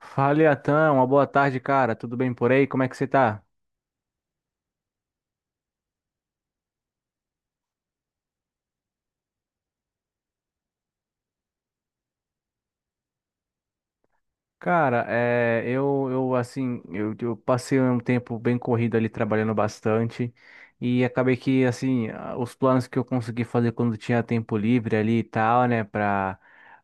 Fala, Iatan, uma boa tarde, cara. Tudo bem por aí? Como é que você tá? Cara, é, eu assim, eu passei um tempo bem corrido ali trabalhando bastante e acabei que assim, os planos que eu consegui fazer quando tinha tempo livre ali e tal, né,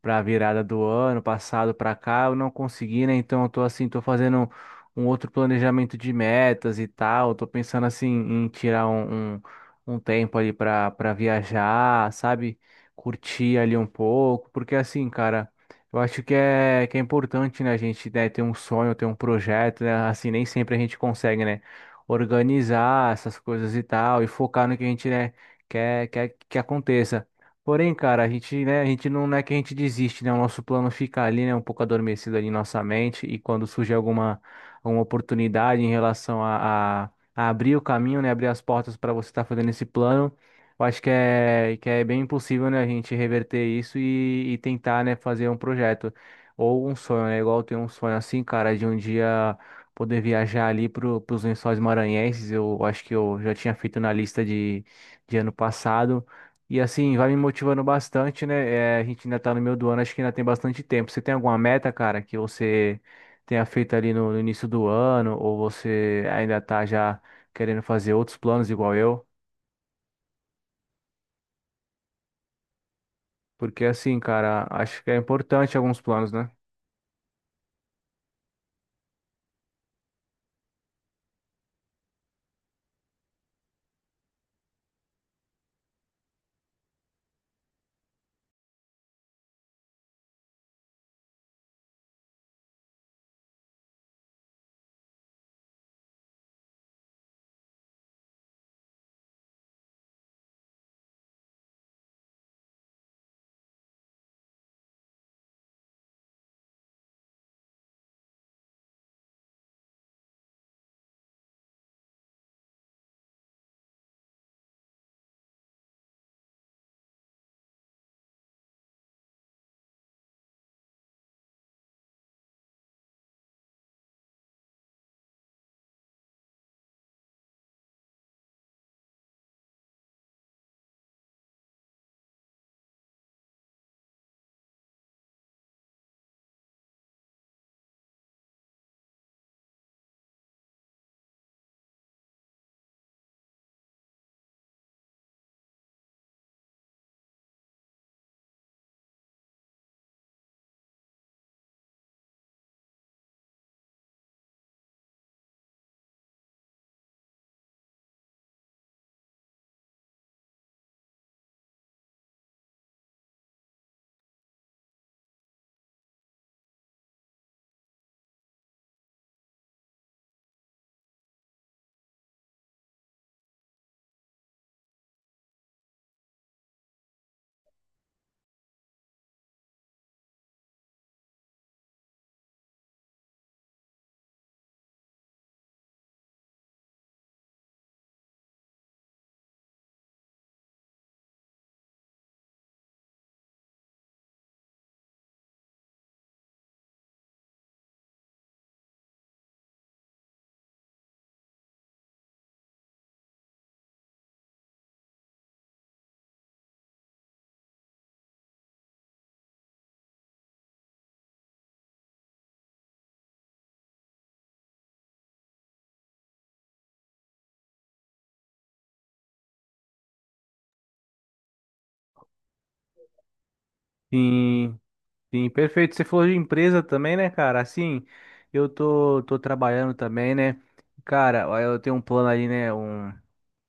pra virada do ano passado pra cá, eu não consegui, né? Então eu tô assim, tô fazendo um outro planejamento de metas e tal, tô pensando assim em tirar um tempo ali para viajar, sabe? Curtir ali um pouco, porque assim, cara. Eu acho que é importante, né, a gente, né, ter um sonho, ter um projeto, né, assim, nem sempre a gente consegue, né, organizar essas coisas e tal, e focar no que a gente, né, quer que aconteça. Porém, cara, a gente, né, a gente não é que a gente desiste, né, o nosso plano fica ali, né, um pouco adormecido ali em nossa mente, e quando surge alguma oportunidade em relação a abrir o caminho, né, abrir as portas para você estar fazendo esse plano, eu acho que é bem impossível, né, a gente reverter isso e tentar, né, fazer um projeto ou um sonho, né? Igual eu tenho um sonho assim, cara, de um dia poder viajar ali pros Lençóis Maranhenses. Eu acho que eu já tinha feito na lista de ano passado. E assim, vai me motivando bastante, né? É, a gente ainda tá no meio do ano, acho que ainda tem bastante tempo. Você tem alguma meta, cara, que você tenha feito ali no início do ano, ou você ainda tá já querendo fazer outros planos igual eu? Porque assim, cara, acho que é importante alguns planos, né? Sim, sim, perfeito. Você falou de empresa também, né, cara? Assim, eu tô trabalhando também, né? Cara, ó, eu tenho um plano ali, né? Um,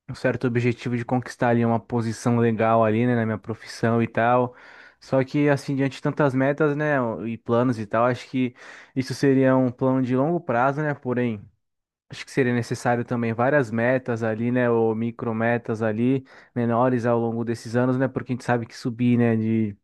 um certo objetivo de conquistar ali uma posição legal ali, né, na minha profissão e tal. Só que, assim, diante de tantas metas, né, e planos e tal, acho que isso seria um plano de longo prazo, né? Porém. Acho que seria necessário também várias metas ali, né, ou micrometas ali, menores ao longo desses anos, né, porque a gente sabe que subir, né,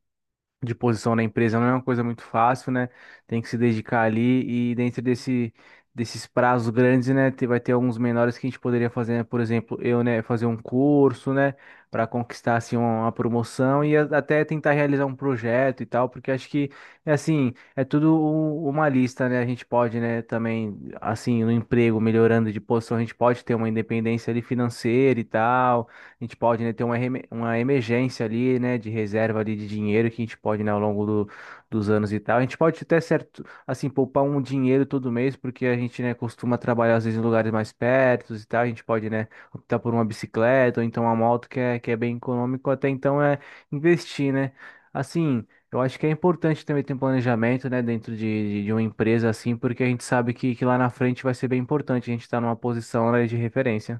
de posição na empresa não é uma coisa muito fácil, né? Tem que se dedicar ali e dentro desses prazos grandes, né? Vai ter alguns menores que a gente poderia fazer, né? Por exemplo, eu, né, fazer um curso, né, para conquistar assim uma promoção e até tentar realizar um projeto e tal, porque acho que é assim, é tudo uma lista, né? A gente pode, né, também assim, no emprego, melhorando de posição, a gente pode ter uma independência ali financeira e tal a gente pode, né, ter uma, uma emergência ali, né, de reserva ali de dinheiro que a gente pode, né, ao longo dos anos e tal. A gente pode até certo, assim, poupar um dinheiro todo mês, porque a gente, né, costuma trabalhar às vezes em lugares mais perto e tal. A gente pode, né, optar por uma bicicleta ou então uma moto que é bem econômico. Até então é investir, né? Assim. Eu acho que é importante também ter um planejamento, né, dentro de uma empresa assim, porque a gente sabe que lá na frente vai ser bem importante a gente estar numa posição, né, de referência.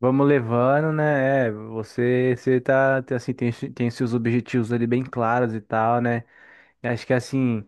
Vamos levando, né? É, você, tá, assim, tem seus objetivos ali bem claros e tal, né? E acho que assim.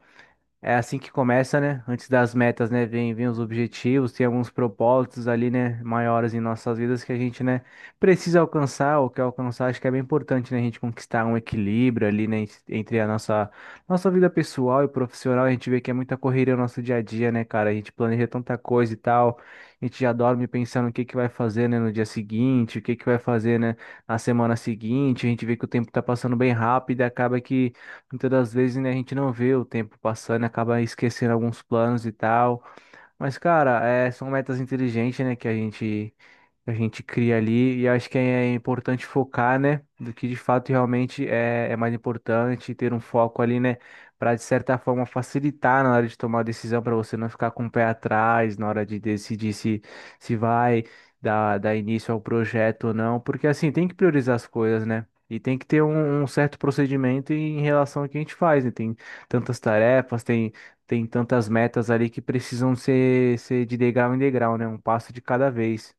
É assim que começa, né? Antes das metas, né? Vem os objetivos, tem alguns propósitos ali, né? Maiores em nossas vidas que a gente, né? Precisa alcançar, ou quer alcançar. Acho que é bem importante, né? A gente conquistar um equilíbrio ali, né? Entre a nossa, nossa vida pessoal e profissional. A gente vê que é muita correria no nosso dia a dia, né, cara? A gente planeja tanta coisa e tal. A gente já dorme pensando o que que vai fazer, né? No dia seguinte, o que que vai fazer, né? Na semana seguinte. A gente vê que o tempo tá passando bem rápido e acaba que. Muitas das vezes, né, a gente não vê o tempo passando, acaba esquecendo alguns planos e tal. Mas, cara, é, são metas inteligentes, né, que a gente cria ali, e acho que é importante focar, né, do que de fato realmente é, é mais importante, ter um foco ali, né, para de certa forma facilitar na hora de tomar a decisão, para você não ficar com o pé atrás na hora de decidir se, se vai dar início ao projeto ou não, porque assim, tem que priorizar as coisas, né, e tem que ter um, um certo procedimento em relação ao que a gente faz, né, tem tantas tarefas, tem tantas metas ali que precisam ser, ser de degrau em degrau, né? Um passo de cada vez.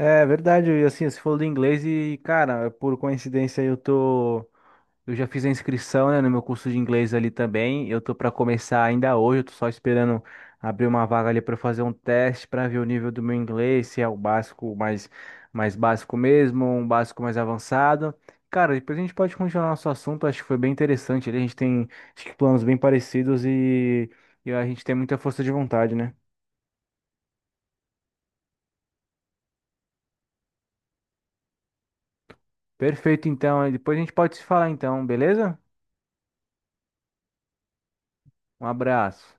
É verdade, e assim, você falou do inglês e, cara, por coincidência eu tô. Eu já fiz a inscrição, né, no meu curso de inglês ali também. Eu tô para começar ainda hoje, eu tô só esperando abrir uma vaga ali para fazer um teste para ver o nível do meu inglês, se é o básico mais básico mesmo, ou um básico mais avançado. Cara, depois a gente pode continuar nosso assunto, acho que foi bem interessante ali, a gente tem acho que planos bem parecidos e a gente tem muita força de vontade, né? Perfeito, então, aí depois a gente pode se falar então, beleza? Um abraço.